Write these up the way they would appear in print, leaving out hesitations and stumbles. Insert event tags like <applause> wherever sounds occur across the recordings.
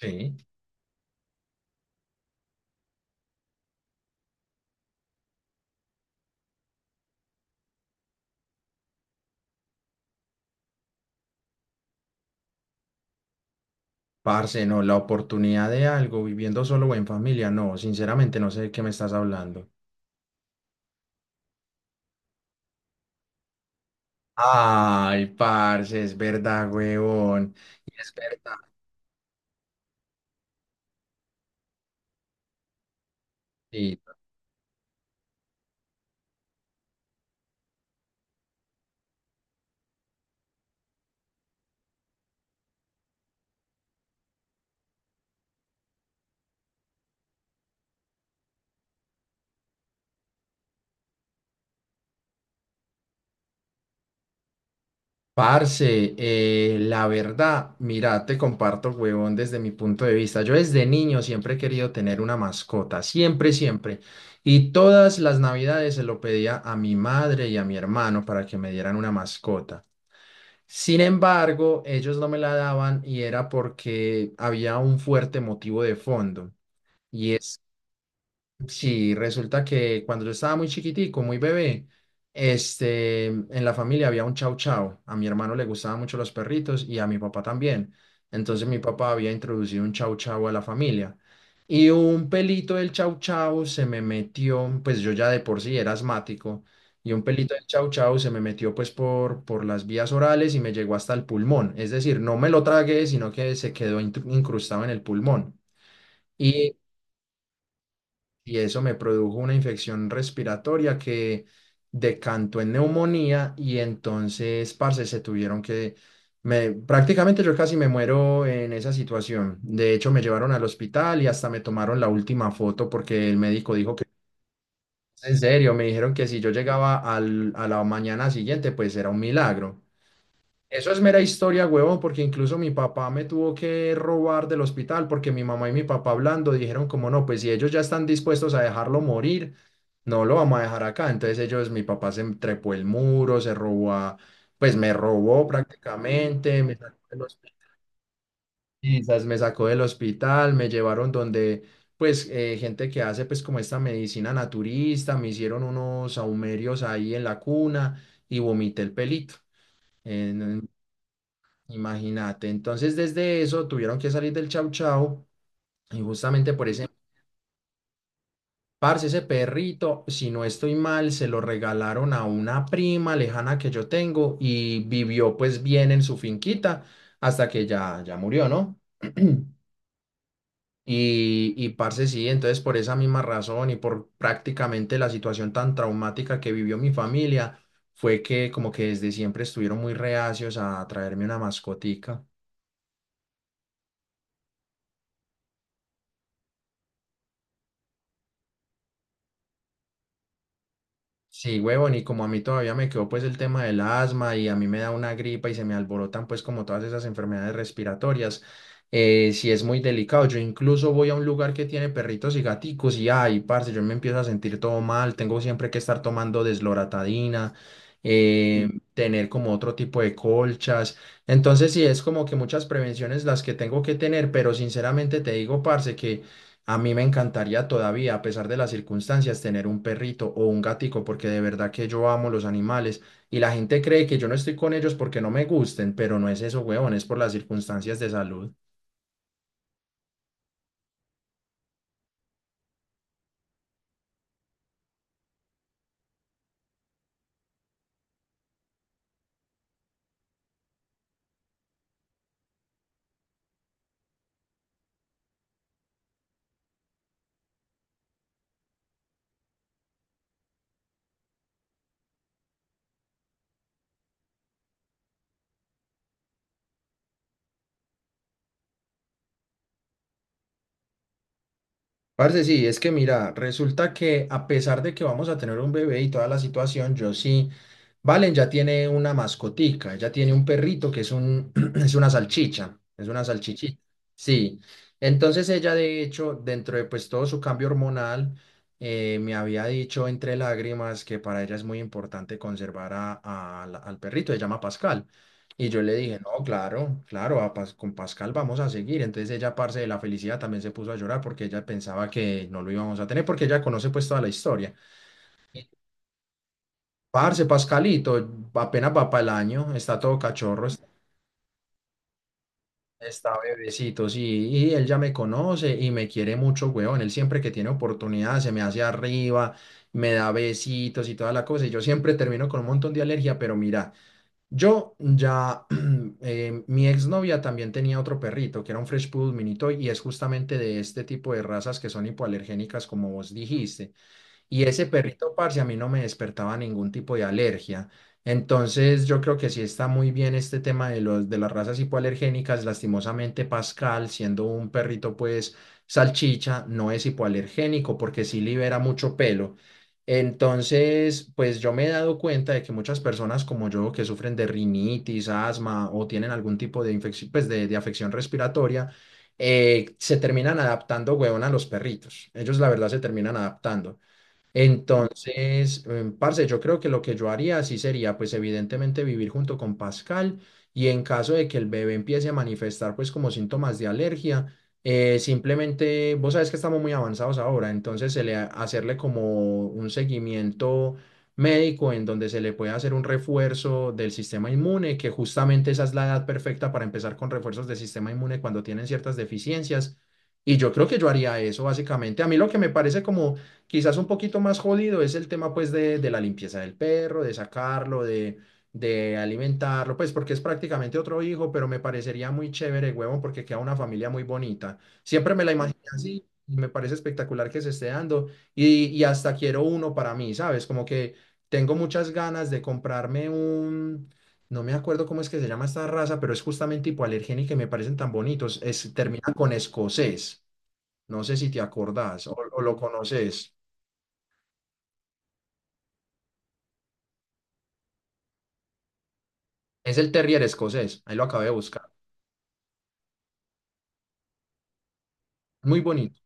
Sí. Parce, no, la oportunidad de algo viviendo solo o en familia, no, sinceramente no sé de qué me estás hablando. Ay, parce, es verdad, huevón. Y es verdad. Sí. Parce, la verdad, mira, te comparto, huevón, desde mi punto de vista. Yo desde niño siempre he querido tener una mascota, siempre, siempre. Y todas las navidades se lo pedía a mi madre y a mi hermano para que me dieran una mascota. Sin embargo, ellos no me la daban y era porque había un fuerte motivo de fondo. Y Sí, resulta que cuando yo estaba muy chiquitico, muy bebé, este, en la familia había un chau chau. A mi hermano le gustaban mucho los perritos y a mi papá también. Entonces mi papá había introducido un chau chau a la familia. Y un pelito del chau chau se me metió, pues yo ya de por sí era asmático, y un pelito del chau chau se me metió pues por las vías orales y me llegó hasta el pulmón. Es decir, no me lo tragué, sino que se quedó incrustado en el pulmón. Y y eso me produjo una infección respiratoria que decantó en neumonía y entonces, parce, se tuvieron que, me, prácticamente yo casi me muero en esa situación. De hecho, me llevaron al hospital y hasta me tomaron la última foto porque el médico dijo que, en serio, me dijeron que si yo llegaba a la mañana siguiente, pues era un milagro. Eso es mera historia, huevón, porque incluso mi papá me tuvo que robar del hospital porque mi mamá y mi papá hablando dijeron como no, pues si ellos ya están dispuestos a dejarlo morir, no lo vamos a dejar acá. Entonces ellos, mi papá se trepó el muro, se robó, pues me robó prácticamente, me sacó del hospital, me llevaron donde pues gente que hace pues como esta medicina naturista, me hicieron unos saumerios ahí en la cuna y vomité el pelito. Imagínate, entonces desde eso tuvieron que salir del chau chau y justamente por ese, parce, ese perrito, si no estoy mal, se lo regalaron a una prima lejana que yo tengo y vivió pues bien en su finquita hasta que ya, ya murió, ¿no? <clears throat> Y, y parce, sí, entonces por esa misma razón y por prácticamente la situación tan traumática que vivió mi familia, fue que como que desde siempre estuvieron muy reacios a traerme una mascotica. Sí, huevón, y como a mí todavía me quedó pues el tema del asma y a mí me da una gripa y se me alborotan pues como todas esas enfermedades respiratorias, sí es muy delicado. Yo incluso voy a un lugar que tiene perritos y gaticos y ay, parce, yo me empiezo a sentir todo mal, tengo siempre que estar tomando desloratadina, sí, tener como otro tipo de colchas. Entonces sí es como que muchas prevenciones las que tengo que tener, pero sinceramente te digo, parce, que a mí me encantaría todavía, a pesar de las circunstancias, tener un perrito o un gatico, porque de verdad que yo amo los animales y la gente cree que yo no estoy con ellos porque no me gusten, pero no es eso, huevón, es por las circunstancias de salud. Parce, sí, es que mira, resulta que a pesar de que vamos a tener un bebé y toda la situación, yo sí, Valen ya tiene una mascotica, ella tiene un perrito que es un, <clears throat> es una salchicha, es una salchichita, sí. Entonces ella de hecho, dentro de pues todo su cambio hormonal, me había dicho entre lágrimas que para ella es muy importante conservar al perrito, se llama Pascal. Y yo le dije, no, claro, claro, con Pascal vamos a seguir. Entonces ella, parce, de la felicidad, también se puso a llorar porque ella pensaba que no lo íbamos a tener, porque ella conoce pues toda la historia. Parce, Pascalito apenas va para el año, está todo cachorro, está, está bebecito, sí, y él ya me conoce y me quiere mucho, weón. Él siempre que tiene oportunidad se me hace arriba, me da besitos y toda la cosa. Y yo siempre termino con un montón de alergia, pero mira. Yo ya, <clears throat> mi exnovia también tenía otro perrito que era un Fresh Poodle Mini Toy y es justamente de este tipo de razas que son hipoalergénicas, como vos dijiste. Y ese perrito, parce, a mí no me despertaba ningún tipo de alergia. Entonces, yo creo que sí está muy bien este tema de las razas hipoalergénicas. Lastimosamente, Pascal, siendo un perrito, pues, salchicha, no es hipoalergénico porque sí libera mucho pelo. Entonces, pues yo me he dado cuenta de que muchas personas como yo que sufren de rinitis, asma o tienen algún tipo de infección, pues de afección respiratoria, se terminan adaptando, huevón, a los perritos. Ellos, la verdad, se terminan adaptando. Entonces, parce, yo creo que lo que yo haría sí sería, pues evidentemente vivir junto con Pascal y en caso de que el bebé empiece a manifestar pues como síntomas de alergia, simplemente, vos sabes que estamos muy avanzados ahora, entonces hacerle como un seguimiento médico en donde se le puede hacer un refuerzo del sistema inmune, que justamente esa es la edad perfecta para empezar con refuerzos del sistema inmune cuando tienen ciertas deficiencias. Y yo creo que yo haría eso básicamente. A mí lo que me parece como quizás un poquito más jodido es el tema pues de la limpieza del perro, de sacarlo, de alimentarlo, pues porque es prácticamente otro hijo, pero me parecería muy chévere, huevón, porque queda una familia muy bonita. Siempre me la imaginé así y me parece espectacular que se esté dando y hasta quiero uno para mí, ¿sabes? Como que tengo muchas ganas de comprarme un, no me acuerdo cómo es que se llama esta raza, pero es justamente hipoalergénica y me parecen tan bonitos. Es, termina con escocés, no sé si te acordás o lo conoces. Es el terrier escocés, ahí lo acabé de buscar. Muy bonito.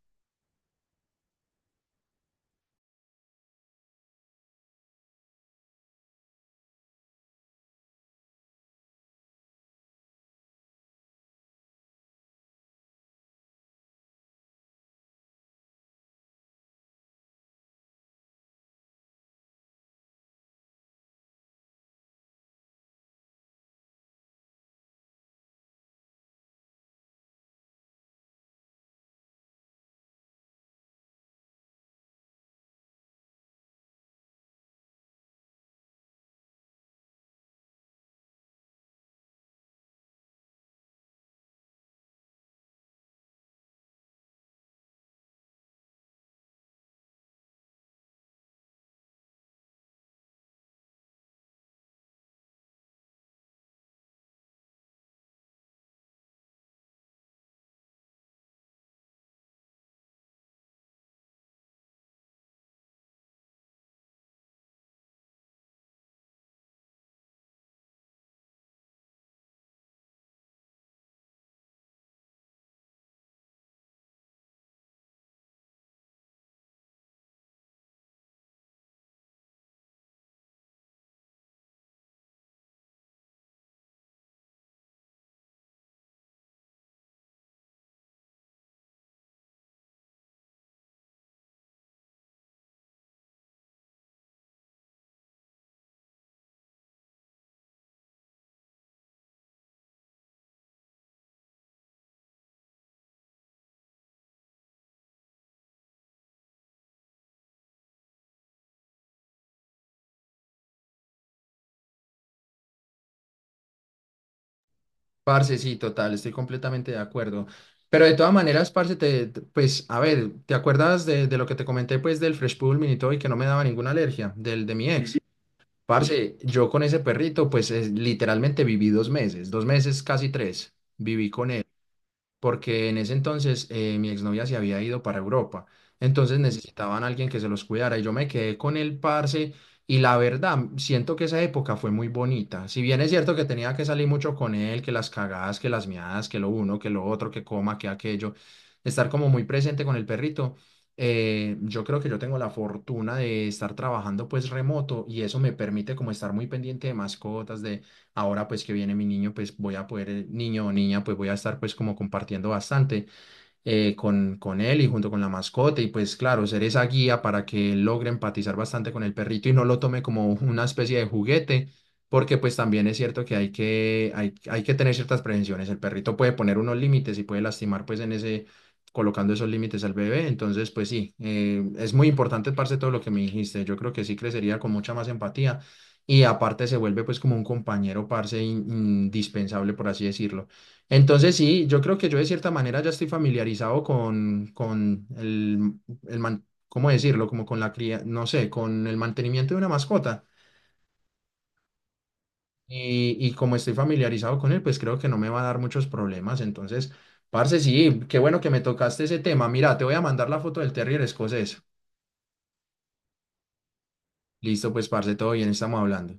Parce, sí, total, estoy completamente de acuerdo. Pero de todas maneras, parce, pues, a ver, ¿te acuerdas de lo que te comenté, pues, del Fresh Poodle Mini Toy que no me daba ninguna alergia, del de mi ex? Ujú. Parce, yo con ese perrito, pues, literalmente viví dos meses, casi tres, viví con él. Porque en ese entonces mi exnovia se había ido para Europa, entonces necesitaban a alguien que se los cuidara y yo me quedé con el parce y la verdad siento que esa época fue muy bonita, si bien es cierto que tenía que salir mucho con él, que las cagadas, que las miadas, que lo uno, que lo otro, que coma, que aquello, estar como muy presente con el perrito. Yo creo que yo tengo la fortuna de estar trabajando pues remoto y eso me permite como estar muy pendiente de mascotas. Ahora pues que viene mi niño, pues voy a poder, niño o niña, pues voy a estar pues como compartiendo bastante con él y junto con la mascota y pues claro, ser esa guía para que él logre empatizar bastante con el perrito y no lo tome como una especie de juguete, porque pues también es cierto que hay que tener ciertas prevenciones, el perrito puede poner unos límites y puede lastimar pues en ese, colocando esos límites al bebé, entonces pues sí, es muy importante, parce, todo lo que me dijiste, yo creo que sí crecería con mucha más empatía. Y aparte se vuelve pues como un compañero, parce, indispensable, por así decirlo. Entonces sí, yo creo que yo de cierta manera ya estoy familiarizado con el, ¿cómo decirlo? Como con la cría, no sé, con el mantenimiento de una mascota. Y como estoy familiarizado con él, pues creo que no me va a dar muchos problemas. Entonces, parce, sí, qué bueno que me tocaste ese tema. Mira, te voy a mandar la foto del terrier escocés. Listo, pues, parce, todo bien, estamos hablando.